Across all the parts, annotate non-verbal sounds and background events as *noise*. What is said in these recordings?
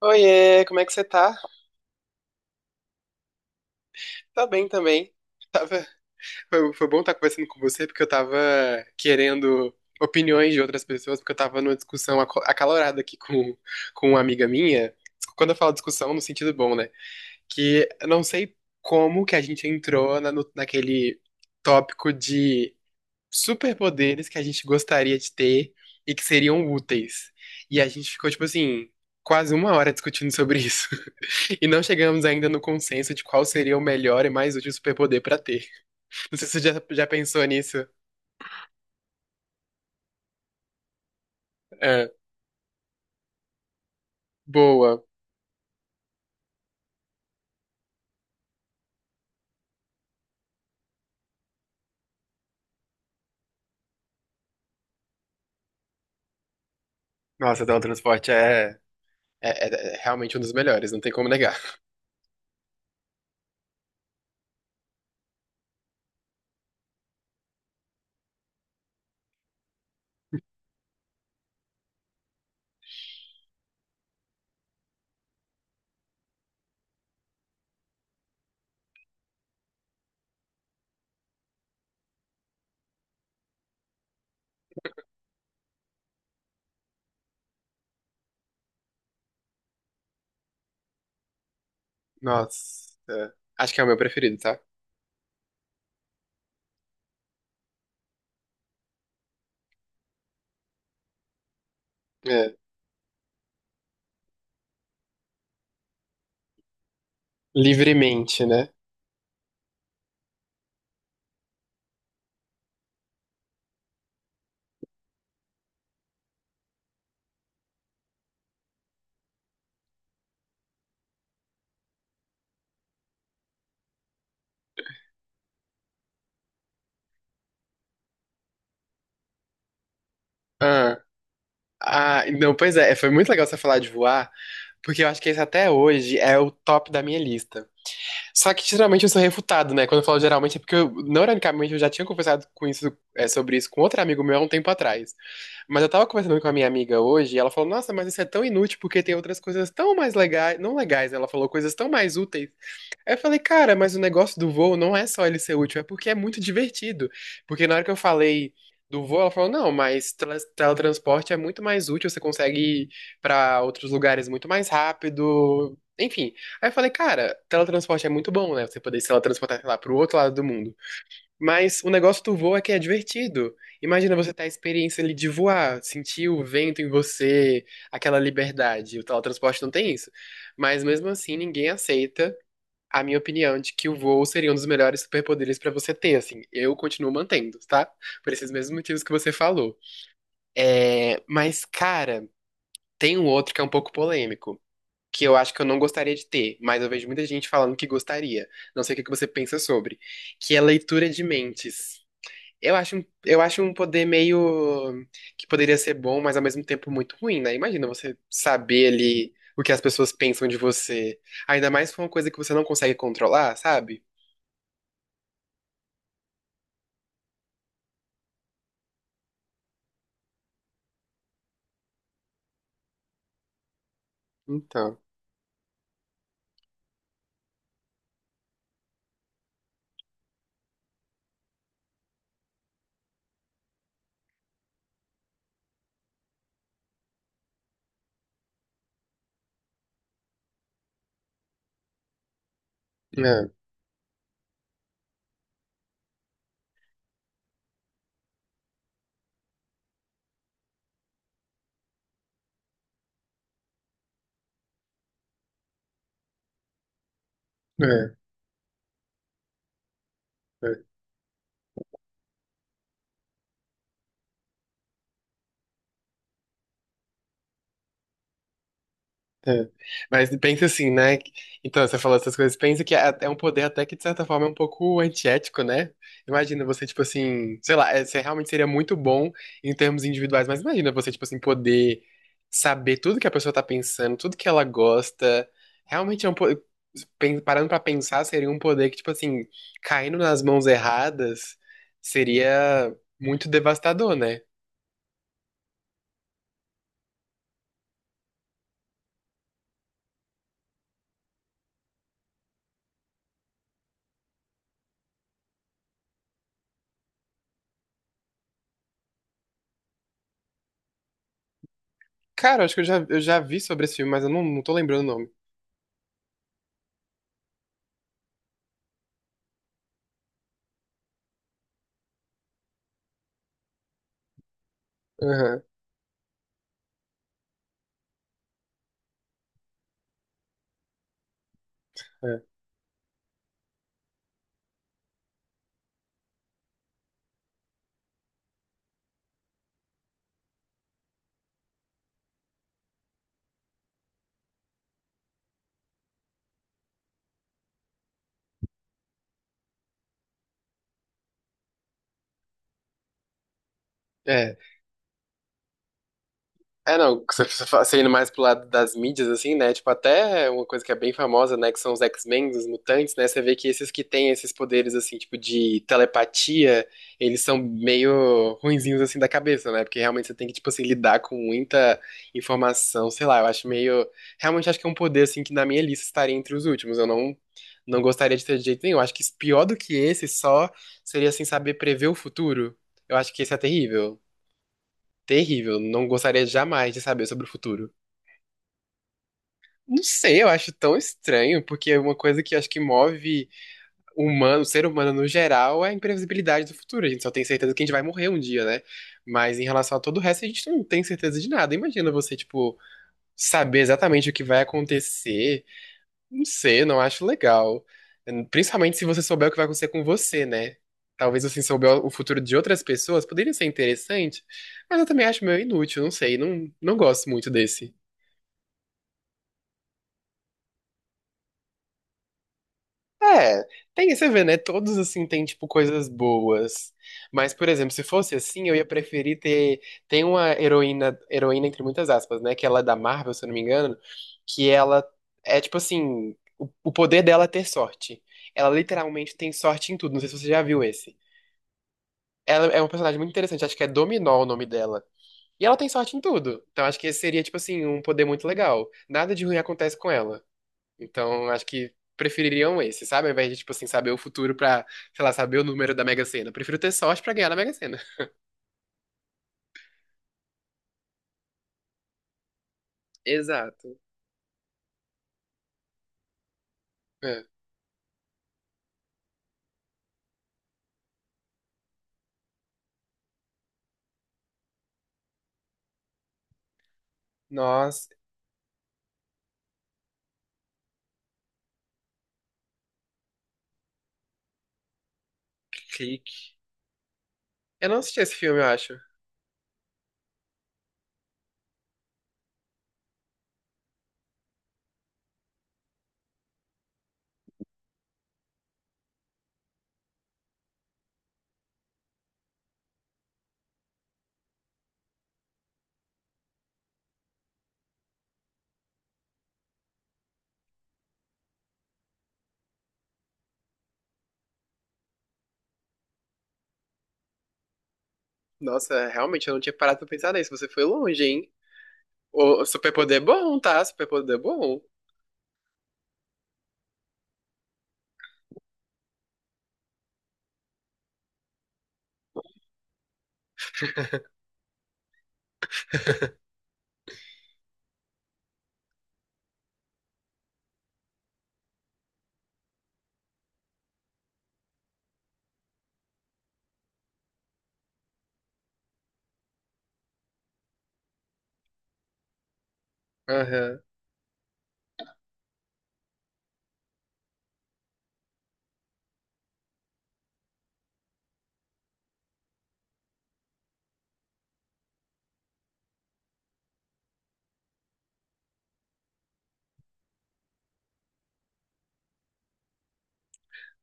Oiê, como é que você tá? Tá bem também. Tava... Foi bom estar conversando com você, porque eu tava querendo opiniões de outras pessoas, porque eu tava numa discussão acalorada aqui com uma amiga minha. Quando eu falo discussão, no sentido bom, né? Que eu não sei como que a gente entrou na, no- naquele tópico de superpoderes que a gente gostaria de ter e que seriam úteis. E a gente ficou, tipo assim, quase uma hora discutindo sobre isso. *laughs* E não chegamos ainda no consenso de qual seria o melhor e mais útil superpoder pra ter. Não sei se você já pensou nisso. É, boa. Nossa, teletransporte é, é, é, é realmente um dos melhores, não tem como negar. Nossa. Acho que é o meu preferido, tá? É. Livremente, né? Ah, não, pois é, foi muito legal você falar de voar, porque eu acho que esse até hoje é o top da minha lista. Só que geralmente eu sou refutado, né? Quando eu falo geralmente é porque, eu, não ironicamente, eu já tinha conversado com isso, é, sobre isso com outro amigo meu há um tempo atrás. Mas eu tava conversando com a minha amiga hoje e ela falou: Nossa, mas isso é tão inútil porque tem outras coisas tão mais legais, não legais, né? Ela falou coisas tão mais úteis. Aí eu falei, cara, mas o negócio do voo não é só ele ser útil, é porque é muito divertido. Porque na hora que eu falei do voo, ela falou, não, mas teletransporte é muito mais útil, você consegue ir pra outros lugares muito mais rápido. Enfim. Aí eu falei, cara, teletransporte é muito bom, né? Você poder se teletransportar, sei lá, pro outro lado do mundo. Mas o negócio do voo é que é divertido. Imagina você ter a experiência ali de voar, sentir o vento em você, aquela liberdade. O teletransporte não tem isso. Mas mesmo assim, ninguém aceita a minha opinião de que o voo seria um dos melhores superpoderes pra você ter, assim. Eu continuo mantendo, tá? Por esses mesmos motivos que você falou. É, mas, cara, tem um outro que é um pouco polêmico, que eu acho que eu não gostaria de ter, mas eu vejo muita gente falando que gostaria. Não sei o que que você pensa sobre, que é leitura de mentes. Eu acho um poder meio que poderia ser bom, mas ao mesmo tempo muito ruim, né? Imagina você saber ali o que as pessoas pensam de você, ainda mais com uma coisa que você não consegue controlar, sabe? Então, é, é, é. Mas pensa assim, né? Então, você falou essas coisas, pensa que é um poder até que, de certa forma, é um pouco antiético, né? Imagina você, tipo assim, sei lá, é, você realmente seria muito bom em termos individuais, mas imagina você, tipo assim, poder saber tudo que a pessoa tá pensando, tudo que ela gosta. Realmente é um poder. Parando pra pensar, seria um poder que, tipo assim, caindo nas mãos erradas, seria muito devastador, né? Cara, acho que eu já vi sobre esse filme, mas eu não, não tô lembrando o nome. Aham. é. É. É, não, *laughs* você indo mais pro lado das mídias, assim, né? Tipo, até uma coisa que é bem famosa, né? Que são os X-Men, os mutantes, né? Você vê que esses que têm esses poderes, assim, tipo, de telepatia, eles são meio ruinzinhos, assim, da cabeça, né? Porque realmente você tem que, tipo, assim, lidar com muita informação, sei lá, eu acho meio. Realmente acho que é um poder, assim, que na minha lista estaria entre os últimos. Eu não, Não gostaria de ter de jeito nenhum. Acho que pior do que esse só seria, assim, saber prever o futuro. Eu acho que esse é terrível. Terrível, não gostaria jamais de saber sobre o futuro. Não sei, eu acho tão estranho, porque é uma coisa que acho que move o humano, o ser humano no geral, é a imprevisibilidade do futuro. A gente só tem certeza que a gente vai morrer um dia, né? Mas em relação a todo o resto, a gente não tem certeza de nada. Imagina você, tipo, saber exatamente o que vai acontecer. Não sei, não acho legal. Principalmente se você souber o que vai acontecer com você, né? Talvez você souber o futuro de outras pessoas, poderia ser interessante, mas eu também acho meio inútil, não sei, não gosto muito desse. É, tem, você vê, né? Todos assim têm tipo coisas boas. Mas, por exemplo, se fosse assim, eu ia preferir ter. Tem uma heroína, heroína entre muitas aspas, né? Que ela é da Marvel, se eu não me engano, que ela é tipo assim, o poder dela é ter sorte. Ela literalmente tem sorte em tudo. Não sei se você já viu esse. Ela é uma personagem muito interessante, acho que é Dominó o nome dela. E ela tem sorte em tudo. Então acho que esse seria, tipo assim, um poder muito legal. Nada de ruim acontece com ela. Então, acho que prefeririam esse, sabe? Ao invés de, tipo assim, saber o futuro pra, sei lá, saber o número da Mega Sena. Eu prefiro ter sorte pra ganhar na Mega Sena. *laughs* Exato. É. Nossa, clique. Eu não assisti esse filme, eu acho. Nossa, realmente, eu não tinha parado pra pensar nisso. Você foi longe, hein? O superpoder é bom, tá? Superpoder é bom. Aham.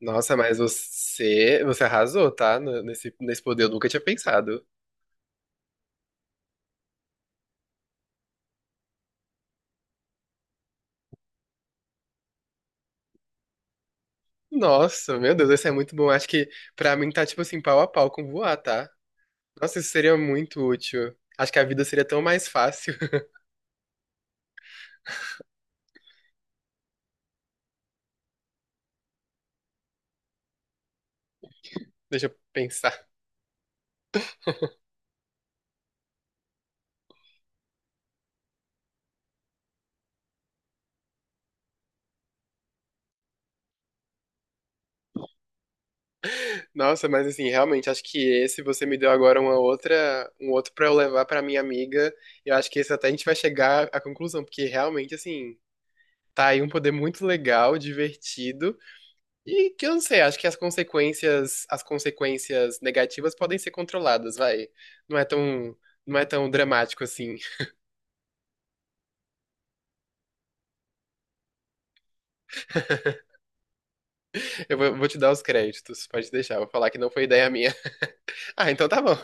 Nossa, mas você arrasou, tá? Nesse, nesse poder eu nunca tinha pensado. Nossa, meu Deus, esse é muito bom. Acho que pra mim tá, tipo assim, pau a pau com voar, tá? Nossa, isso seria muito útil. Acho que a vida seria tão mais fácil. *laughs* Deixa eu pensar. Nossa, mas assim, realmente, acho que esse você me deu agora uma outra, um outro pra eu levar pra minha amiga. Eu acho que esse até a gente vai chegar à conclusão, porque realmente, assim, tá aí um poder muito legal, divertido, e que eu não sei, acho que as consequências negativas podem ser controladas, vai. Não é tão, não é tão dramático assim. Vou te dar os créditos, pode deixar, vou falar que não foi ideia minha. *laughs* Ah, então tá bom.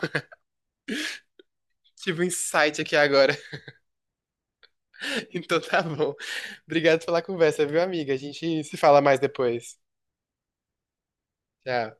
Tive um insight aqui agora. *laughs* Então tá bom. Obrigado pela conversa, viu, amiga? A gente se fala mais depois. Tchau.